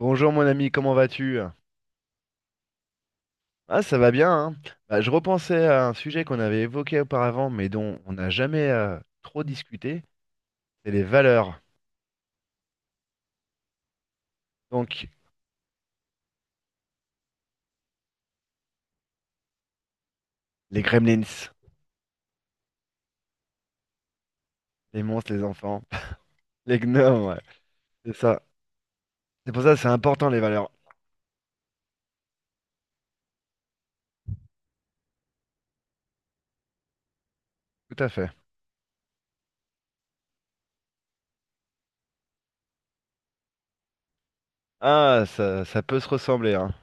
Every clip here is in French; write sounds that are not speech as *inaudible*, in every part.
Bonjour mon ami, comment vas-tu? Ah, ça va bien, hein? Bah, je repensais à un sujet qu'on avait évoqué auparavant, mais dont on n'a jamais trop discuté, c'est les valeurs. Donc, les gremlins, les monstres, les enfants, *laughs* les gnomes, ouais, c'est ça. C'est pour ça que c'est important les valeurs. Tout à fait. Ah, ça peut se ressembler, hein.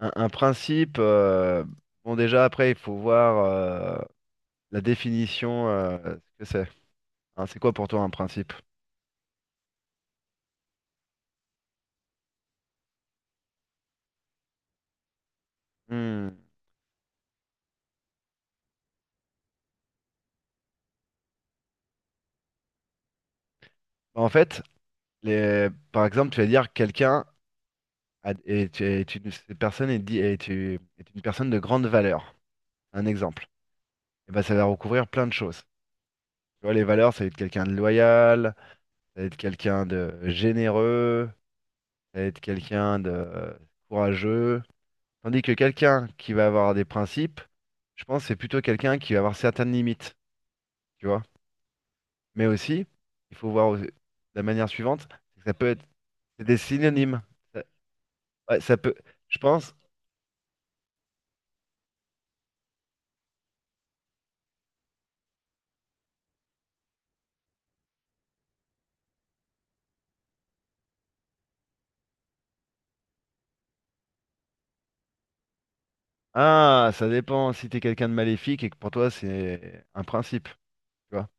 Un principe, bon déjà après, il faut voir la définition, ce que c'est. Hein, c'est quoi pour toi un principe? Hmm. Bah, en fait, par exemple, tu vas dire quelqu'un a- est, est une, cette personne est une personne de grande valeur. Un exemple. Et ben, ça va recouvrir plein de choses. Tu vois, les valeurs, ça va être quelqu'un de loyal, ça va être quelqu'un de généreux, ça va être quelqu'un de courageux. Tandis que quelqu'un qui va avoir des principes, je pense que c'est plutôt quelqu'un qui va avoir certaines limites, tu vois. Mais aussi, il faut voir au- de la manière suivante, c'est que ça peut être. C'est des synonymes. Ça, ouais, ça peut, je pense. Ah, ça dépend si t'es quelqu'un de maléfique et que pour toi c'est un principe, tu vois.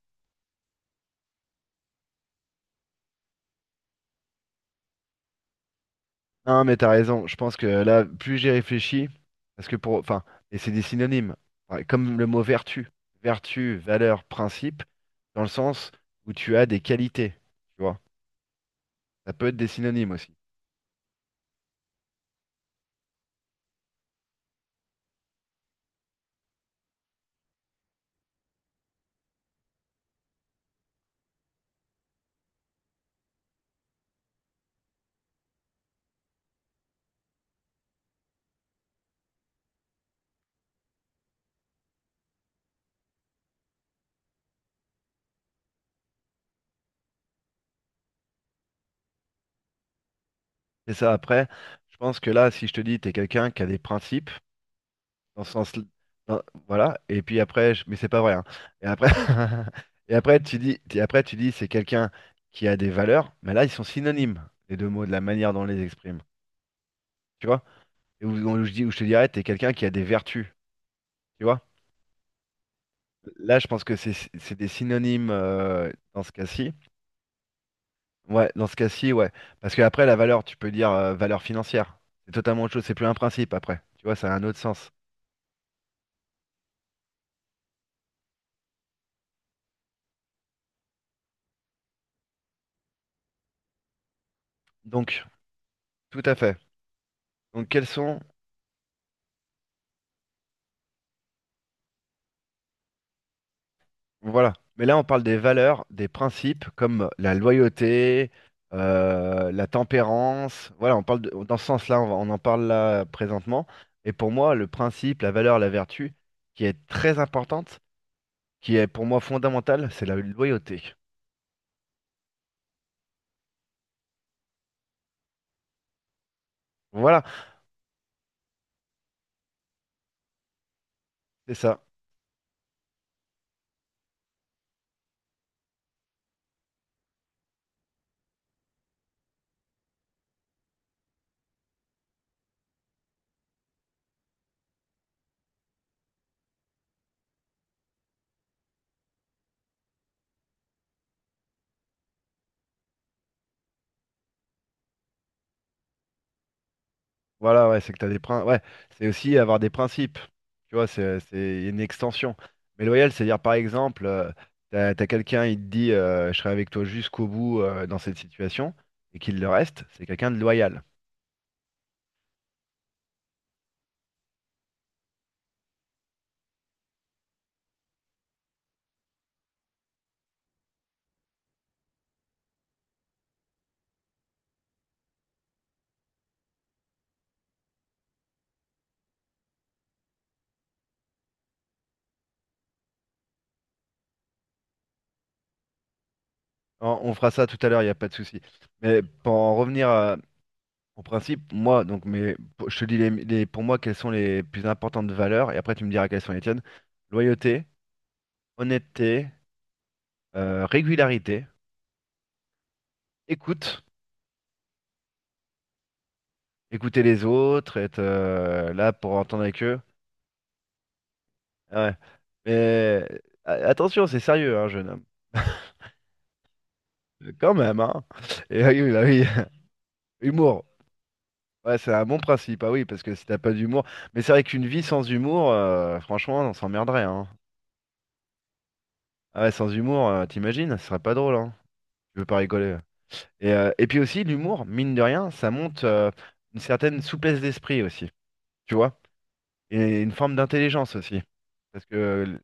Non, mais t'as raison, je pense que là, plus j'y réfléchis, parce que pour, enfin, et c'est des synonymes. Ouais, comme le mot vertu, vertu, valeur, principe, dans le sens où tu as des qualités, tu vois. Ça peut être des synonymes aussi. Et ça, après, je pense que là, si je te dis t'es quelqu'un qui a des principes, dans ce sens dans- voilà, et puis après mais c'est pas vrai, hein. Et après *laughs* et après tu dis c'est quelqu'un qui a des valeurs, mais là ils sont synonymes, les deux mots, de la manière dont on les exprime, tu vois. Et où je te dirais t'es quelqu'un qui a des vertus, tu vois, là je pense que c'est des synonymes dans ce cas-ci. Ouais, dans ce cas-ci, ouais, parce que après la valeur tu peux dire valeur financière, c'est totalement autre chose, c'est plus un principe. Après tu vois, ça a un autre sens. Donc tout à fait. Donc quels sont. Voilà. Mais là, on parle des valeurs, des principes comme la loyauté, la tempérance. Voilà, on parle dans ce sens-là, on en parle là présentement. Et pour moi, le principe, la valeur, la vertu, qui est très importante, qui est pour moi fondamentale, c'est la loyauté. Voilà, c'est ça. Voilà, ouais, c'est que t'as des principes. Ouais, c'est aussi avoir des principes. Tu vois, c'est une extension. Mais loyal, c'est dire par exemple, t'as quelqu'un, il te dit je serai avec toi jusqu'au bout dans cette situation, et qu'il le reste, c'est quelqu'un de loyal. On fera ça tout à l'heure, il n'y a pas de souci. Mais pour en revenir à, en principe, moi, donc, mais pour- je te dis les- pour moi quelles sont les plus importantes valeurs, et après tu me diras quelles sont les tiennes. Loyauté, honnêteté, régularité, écoute, écouter les autres, être là pour entendre avec eux. Ah ouais. Mais attention, c'est sérieux, hein, jeune homme. Quand même, hein. Et oui, bah oui. *laughs* Humour. Ouais, c'est un bon principe, ah oui, parce que si t'as pas d'humour. Mais c'est vrai qu'une vie sans humour, franchement, on s'emmerderait, hein. Ah ouais, sans humour, t'imagines, ce serait pas drôle, hein. Tu veux pas rigoler. Et et puis aussi, l'humour, mine de rien, ça monte une certaine souplesse d'esprit aussi, tu vois, et une forme d'intelligence aussi. Parce que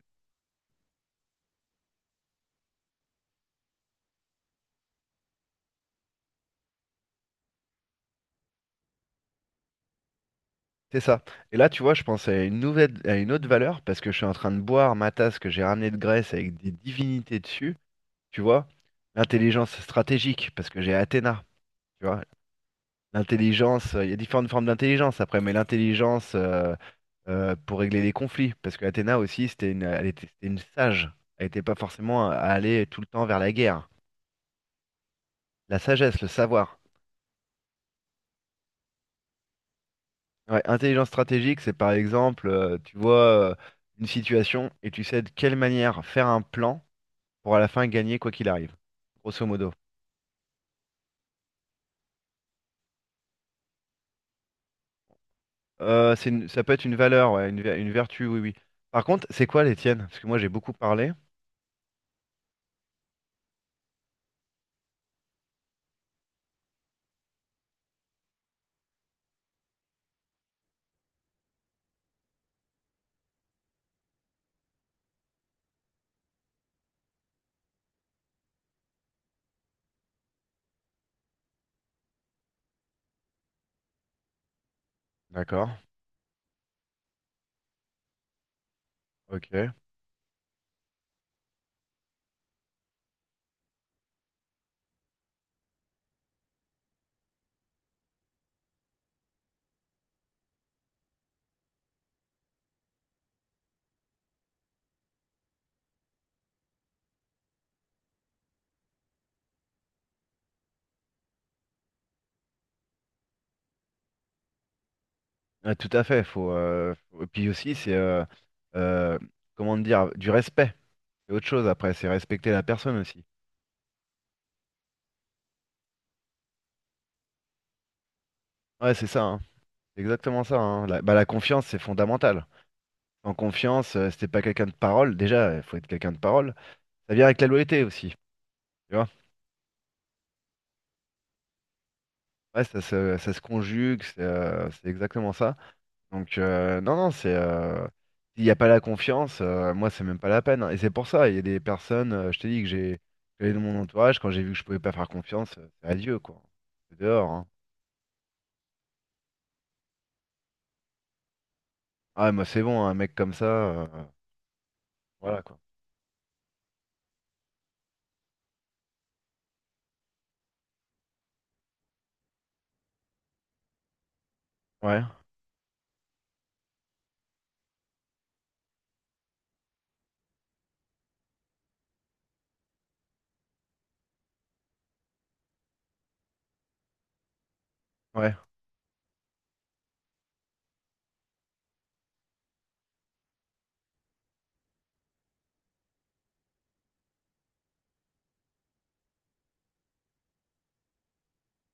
c'est ça. Et là, tu vois, je pense à une nouvelle, à une autre valeur, parce que je suis en train de boire ma tasse que j'ai ramenée de Grèce avec des divinités dessus, tu vois, l'intelligence stratégique, parce que j'ai Athéna, tu vois. L'intelligence, il y a différentes formes d'intelligence après, mais l'intelligence pour régler les conflits, parce que Athéna aussi, c'était une sage. Elle n'était pas forcément à aller tout le temps vers la guerre. La sagesse, le savoir. Ouais, intelligence stratégique, c'est par exemple, tu vois euh, une situation et tu sais de quelle manière faire un plan pour à la fin gagner quoi qu'il arrive, grosso modo. Ça peut être une valeur, ouais, une vertu, oui, oui. Par contre, c'est quoi les tiennes? Parce que moi, j'ai beaucoup parlé. D'accord, ok. Ouais, tout à fait, et puis aussi c'est euh, comment dire, du respect. C'est autre chose après, c'est respecter la personne aussi. Ouais, c'est ça, hein. C'est exactement ça, hein. La, bah, la confiance, c'est fondamental. En confiance, si t'es pas quelqu'un de parole, déjà, il faut être quelqu'un de parole. Ça vient avec la loyauté aussi, tu vois. Ouais, ça se conjugue, c'est exactement ça. Donc non, non, c'est s'il n'y a pas la confiance, moi c'est même pas la peine, hein. Et c'est pour ça, il y a des personnes, je t'ai dit que j'avais dans mon entourage, quand j'ai vu que je pouvais pas faire confiance, c'est adieu quoi. C'est dehors, hein. Ah moi c'est bon, un mec comme ça, voilà quoi. Ouais, ouais.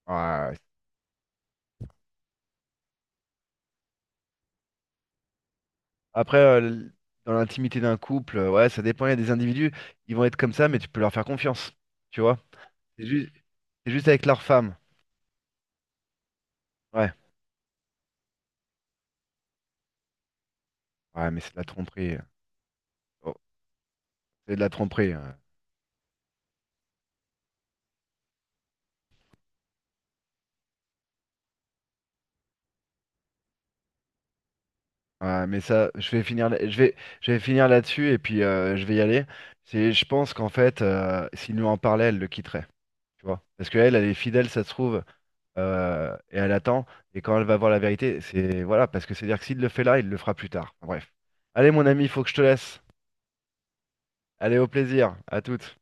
Ouais. Après, dans l'intimité d'un couple, ouais, ça dépend, il y a des individus, ils vont être comme ça, mais tu peux leur faire confiance. Tu vois? C'est juste, c'est juste avec leur femme. Ouais. Ouais, mais c'est de la tromperie, hein. Oh, c'est de la tromperie, hein. Ouais, mais ça, je vais finir là-dessus et puis je vais y aller. C'est, je pense qu'en fait, s'il nous en parlait, elle le quitterait, tu vois. Parce qu'elle, elle est fidèle, ça se trouve, et elle attend. Et quand elle va voir la vérité, c'est voilà, parce que c'est-à-dire que s'il le fait là, il le fera plus tard. Bref. Allez, mon ami, il faut que je te laisse. Allez, au plaisir, à toutes.